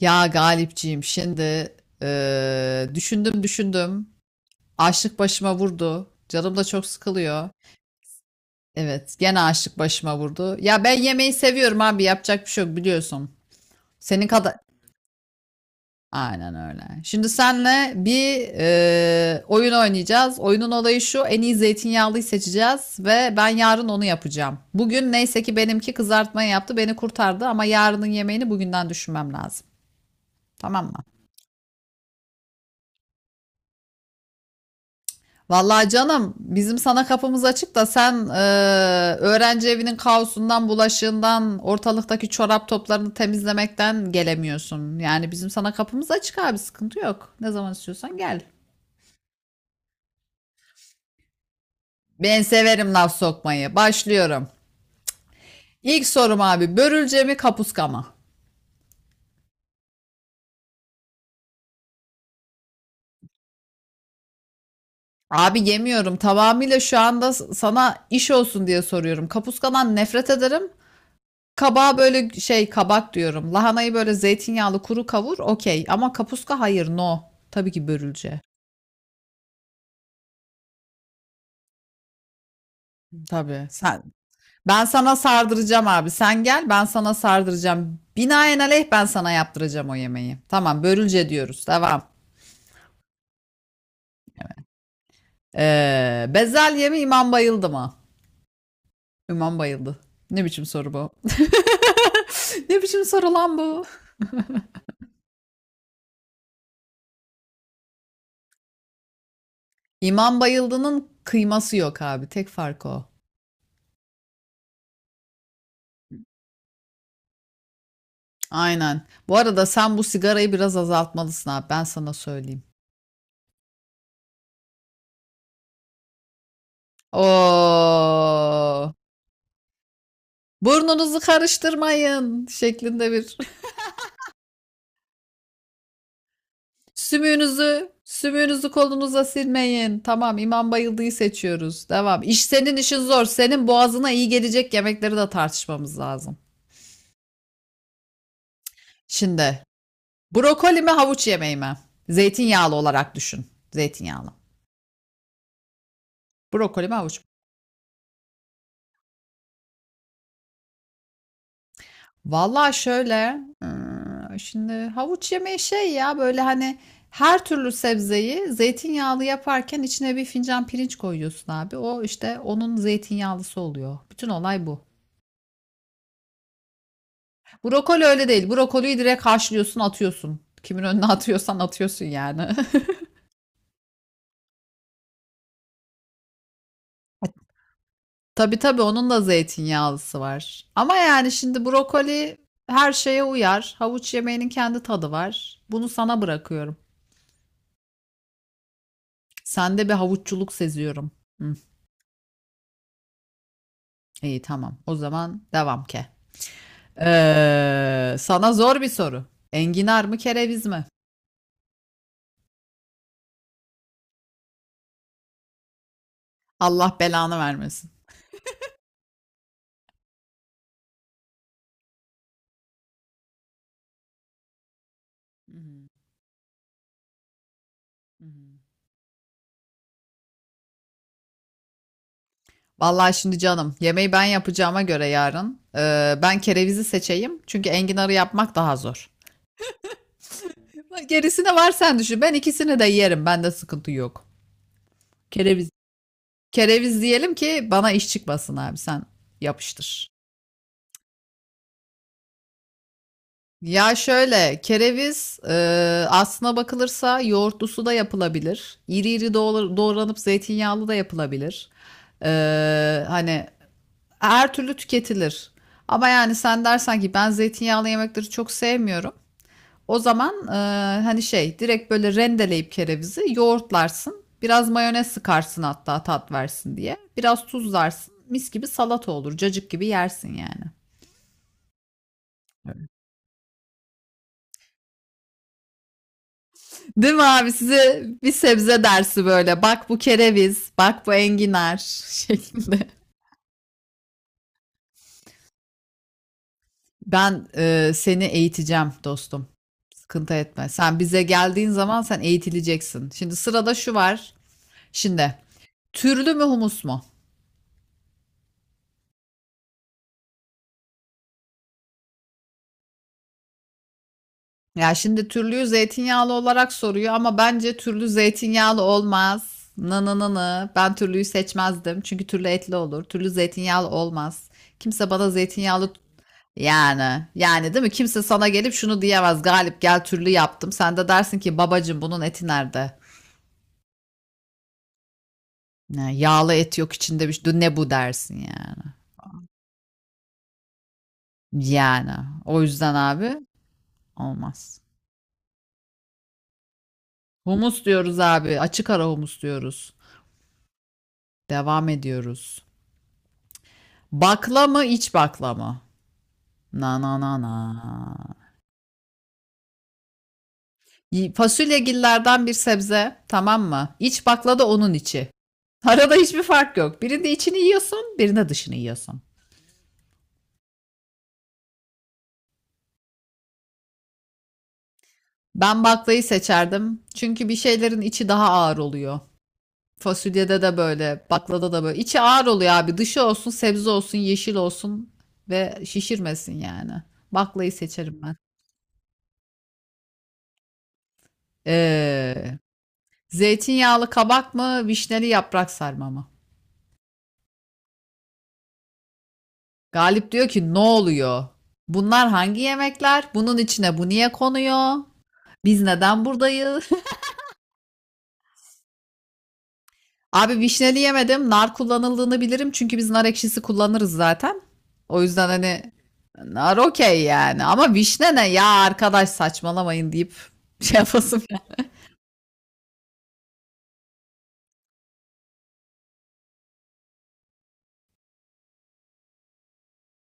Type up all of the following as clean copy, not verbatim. Ya Galipciğim şimdi düşündüm. Açlık başıma vurdu. Canım da çok sıkılıyor. Evet, gene açlık başıma vurdu. Ya ben yemeği seviyorum abi, yapacak bir şey yok biliyorsun. Senin kadar... Aynen öyle. Şimdi senle bir oyun oynayacağız. Oyunun olayı şu, en iyi zeytinyağlıyı seçeceğiz ve ben yarın onu yapacağım. Bugün neyse ki benimki kızartmayı yaptı, beni kurtardı ama yarının yemeğini bugünden düşünmem lazım. Tamam mı? Vallahi canım bizim sana kapımız açık da sen öğrenci evinin kaosundan, bulaşığından, ortalıktaki çorap toplarını temizlemekten gelemiyorsun. Yani bizim sana kapımız açık abi sıkıntı yok. Ne zaman istiyorsan gel. Ben severim laf sokmayı. Başlıyorum. İlk sorum abi börülce mi kapuska mı? Abi yemiyorum tamamıyla şu anda sana iş olsun diye soruyorum. Kapuskadan nefret ederim. Kabağı böyle şey kabak diyorum. Lahanayı böyle zeytinyağlı kuru kavur okey. Ama kapuska hayır no. Tabii ki börülce. Tabii. Sen, ben sana sardıracağım abi. Sen gel ben sana sardıracağım. Binaenaleyh ben sana yaptıracağım o yemeği. Tamam börülce diyoruz. Devam. Bezelye mi imam bayıldı mı? İmam bayıldı. Ne biçim soru bu? Ne biçim soru lan bu? İmam Bayıldı'nın kıyması yok abi. Tek fark o. Aynen. Bu arada sen bu sigarayı biraz azaltmalısın abi. Ben sana söyleyeyim. Oo. Burnunuzu karıştırmayın şeklinde bir. Sümüğünüzü kolunuza silmeyin. Tamam, İmam Bayıldı'yı seçiyoruz. Devam. İş senin işin zor. Senin boğazına iyi gelecek yemekleri de tartışmamız lazım. Şimdi brokoli mi havuç yemeği mi? Zeytinyağlı olarak düşün. Zeytinyağlı. Brokoli mi havuç. Vallahi şöyle, şimdi havuç yemeği şey ya böyle hani her türlü sebzeyi zeytinyağlı yaparken içine bir fincan pirinç koyuyorsun abi. O işte onun zeytinyağlısı oluyor. Bütün olay bu. Brokoli öyle değil. Brokoliyi direkt haşlıyorsun, atıyorsun. Kimin önüne atıyorsan atıyorsun yani. Tabii onun da zeytinyağlısı var. Ama yani şimdi brokoli her şeye uyar. Havuç yemeğinin kendi tadı var. Bunu sana bırakıyorum. Sende bir havuççuluk seziyorum. Hı. İyi tamam. O zaman devam ke. Sana zor bir soru. Enginar mı kereviz mi? Allah belanı vermesin. Vallahi şimdi canım yemeği ben yapacağıma göre yarın ben kerevizi seçeyim. Çünkü enginarı yapmak daha zor. Gerisine var sen düşün. Ben ikisini de yerim. Bende sıkıntı yok. Kereviz. Kereviz diyelim ki bana iş çıkmasın abi sen yapıştır. Ya şöyle, kereviz aslına bakılırsa yoğurtlusu da yapılabilir. İri iri doğranıp zeytinyağlı da yapılabilir. Hani her türlü tüketilir. Ama yani sen dersen ki ben zeytinyağlı yemekleri çok sevmiyorum. O zaman hani şey direkt böyle rendeleyip kerevizi yoğurtlarsın. Biraz mayonez sıkarsın hatta tat versin diye. Biraz tuzlarsın. Mis gibi salata olur. Cacık gibi yersin yani. Değil mi abi? Size bir sebze dersi böyle. Bak bu kereviz, bak bu enginar şeklinde. Ben seni eğiteceğim dostum. Sıkıntı etme. Sen bize geldiğin zaman sen eğitileceksin. Şimdi sırada şu var. Şimdi türlü mü humus mu? Ya şimdi türlü zeytinyağlı olarak soruyor ama bence türlü zeytinyağlı olmaz. Nı nı nı nı. Ben türlüyü seçmezdim. Çünkü türlü etli olur. Türlü zeytinyağlı olmaz. Kimse bana zeytinyağlı yani yani değil mi? Kimse sana gelip şunu diyemez. Galip gel türlü yaptım. Sen de dersin ki babacım bunun eti nerede? Ya, yağlı et yok içinde bir şey. Ne bu dersin yani. Yani o yüzden abi olmaz. Humus diyoruz abi. Açık ara humus diyoruz. Devam ediyoruz. Bakla mı iç bakla mı? Na na na na. Fasulyegillerden bir sebze tamam mı? İç bakla da onun içi. Arada hiçbir fark yok. Birinde içini yiyorsun, birinde dışını yiyorsun. Ben baklayı seçerdim. Çünkü bir şeylerin içi daha ağır oluyor. Fasulyede de böyle, baklada da böyle. İçi ağır oluyor abi. Dışı olsun, sebze olsun, yeşil olsun ve şişirmesin yani. Baklayı seçerim ben. Ee, zeytinyağlı kabak mı, vişneli yaprak sarma mı? Galip diyor ki ne oluyor? Bunlar hangi yemekler? Bunun içine bu niye konuyor? Biz neden buradayız? Abi vişneli yemedim. Nar kullanıldığını bilirim. Çünkü biz nar ekşisi kullanırız zaten. O yüzden hani nar okey yani. Ama vişne ne ya arkadaş saçmalamayın deyip şey yapasın.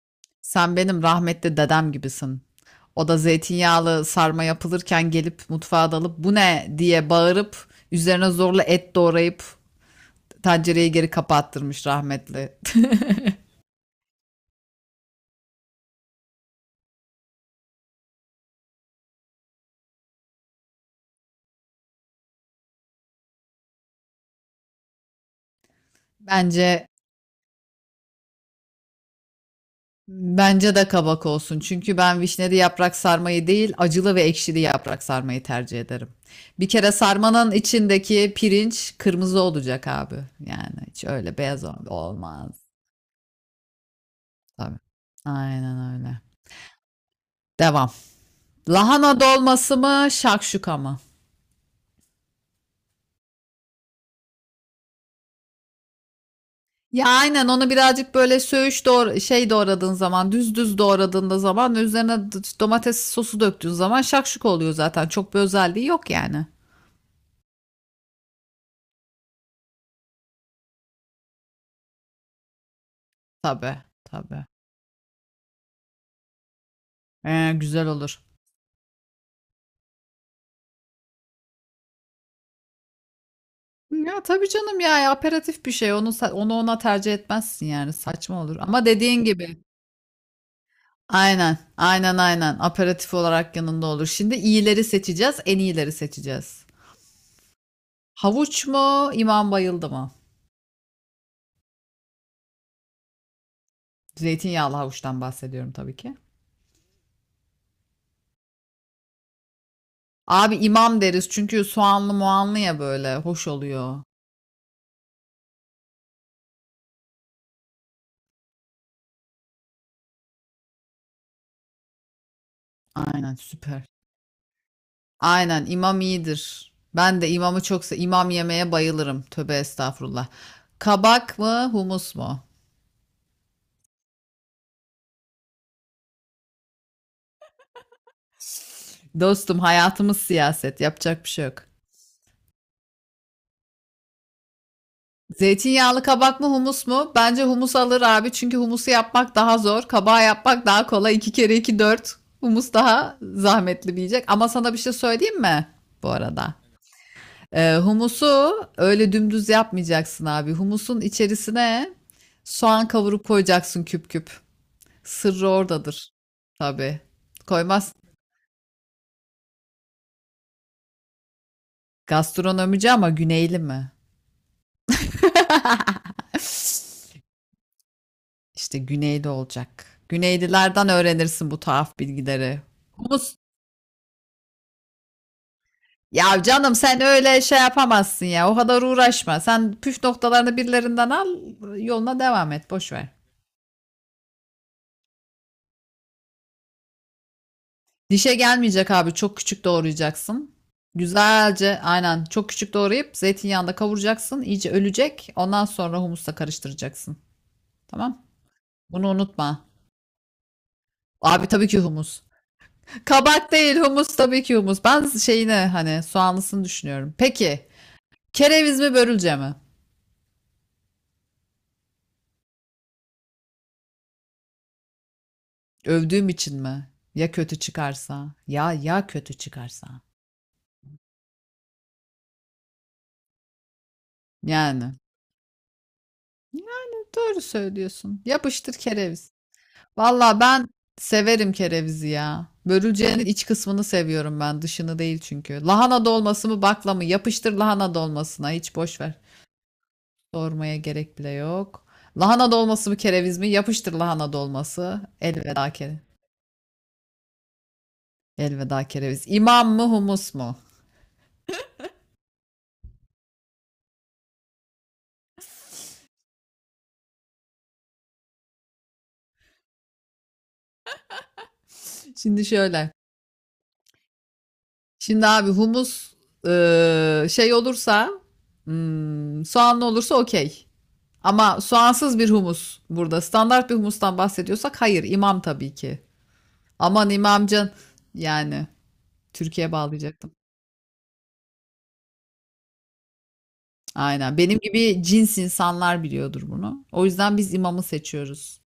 Sen benim rahmetli dedem gibisin. O da zeytinyağlı sarma yapılırken gelip mutfağa dalıp bu ne diye bağırıp üzerine zorla et doğrayıp tencereyi geri kapattırmış rahmetli. Bence bence de kabak olsun. Çünkü ben vişneli yaprak sarmayı değil, acılı ve ekşili yaprak sarmayı tercih ederim. Bir kere sarmanın içindeki pirinç kırmızı olacak abi. Yani hiç öyle beyaz olmaz. Tabii. Aynen öyle. Devam. Lahana dolması mı, şakşuka mı? Ya aynen onu birazcık böyle söğüş doğra şey doğradığın zaman, düz düz doğradığında zaman üzerine domates sosu döktüğün zaman şakşuka oluyor zaten. Çok bir özelliği yok yani. Tabii, tabii. Güzel olur. Ya tabii canım ya ya aperatif bir şey. Onu ona tercih etmezsin yani. Saçma olur. Ama dediğin gibi. Aynen. Aynen. Aperatif olarak yanında olur. Şimdi iyileri seçeceğiz. En iyileri seçeceğiz. Havuç mu? İmam bayıldı mı? Zeytinyağlı havuçtan bahsediyorum tabii ki. Abi imam deriz çünkü soğanlı muanlı ya böyle. Hoş oluyor. Aynen süper. Aynen imam iyidir. Ben de imamı çok se imam yemeye bayılırım. Tövbe estağfurullah. Kabak mı humus mu? Dostum hayatımız siyaset. Yapacak bir şey yok. Zeytinyağlı kabak mı humus mu? Bence humus alır abi. Çünkü humusu yapmak daha zor. Kabağı yapmak daha kolay. 2 kere 2 4. Humus daha zahmetli bir yiyecek. Ama sana bir şey söyleyeyim mi? Bu arada. Humusu öyle dümdüz yapmayacaksın abi. Humusun içerisine soğan kavurup koyacaksın küp küp. Sırrı oradadır. Tabii. Koymaz. Gastronomici ama güneyli mi? İşte güneyli olacak. Güneylilerden öğrenirsin bu tuhaf bilgileri. Humus. Ya canım sen öyle şey yapamazsın ya. O kadar uğraşma. Sen püf noktalarını birilerinden al, yoluna devam et. Boş ver. Dişe gelmeyecek abi. Çok küçük doğrayacaksın. Güzelce aynen çok küçük doğrayıp zeytinyağında kavuracaksın. İyice ölecek. Ondan sonra humusla karıştıracaksın. Tamam? Bunu unutma. Abi tabii ki humus. Kabak değil humus tabii ki humus. Ben şeyine hani soğanlısını düşünüyorum. Peki kereviz mi börülce mi? Övdüğüm için mi? Ya kötü çıkarsa? Ya kötü çıkarsa? Yani. Yani doğru söylüyorsun. Yapıştır kereviz. Valla ben severim kerevizi ya. Börülcenin iç kısmını seviyorum ben. Dışını değil çünkü. Lahana dolması mı bakla mı? Yapıştır lahana dolmasına. Hiç boş ver. Sormaya gerek bile yok. Lahana dolması mı kereviz mi? Yapıştır lahana dolması. Elveda kere. Elveda kereviz. İmam mı humus mu? Şimdi şöyle. Şimdi abi humus şey olursa soğanlı olursa okey. Ama soğansız bir humus burada. Standart bir humustan bahsediyorsak hayır İmam tabii ki. Aman imamcan yani Türkiye bağlayacaktım. Aynen. Benim gibi cins insanlar biliyordur bunu. O yüzden biz imamı seçiyoruz.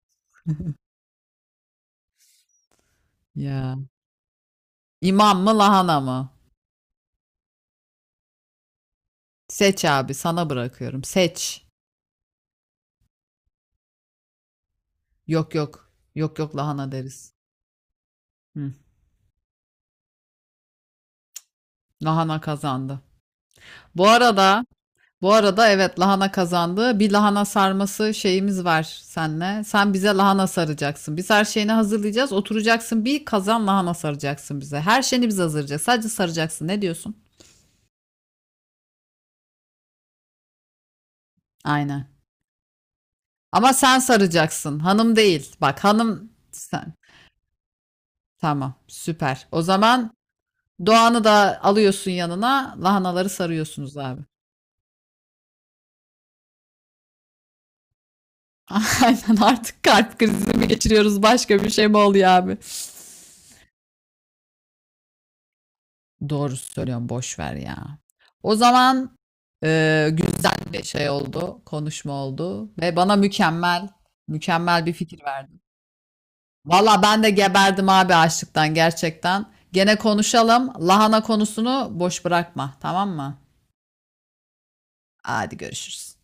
Ya. İmam mı lahana mı? Seç abi sana bırakıyorum. Seç. Yok. Yok lahana deriz. Hı. Lahana kazandı. Bu arada bu arada evet lahana kazandı. Bir lahana sarması şeyimiz var senle. Sen bize lahana saracaksın. Biz her şeyini hazırlayacağız. Oturacaksın bir kazan lahana saracaksın bize. Her şeyini biz hazırlayacağız. Sadece saracaksın. Ne diyorsun? Aynen. Ama sen saracaksın. Hanım değil. Bak hanım sen. Tamam, süper. O zaman Doğan'ı da alıyorsun yanına. Lahanaları sarıyorsunuz abi. Aynen artık kalp krizi mi geçiriyoruz başka bir şey mi oluyor abi? Doğru söylüyorum boş ver ya. O zaman güzel bir şey oldu, konuşma oldu ve bana mükemmel, mükemmel bir fikir verdin. Valla ben de geberdim abi açlıktan gerçekten. Gene konuşalım. Lahana konusunu boş bırakma, tamam mı? Hadi görüşürüz.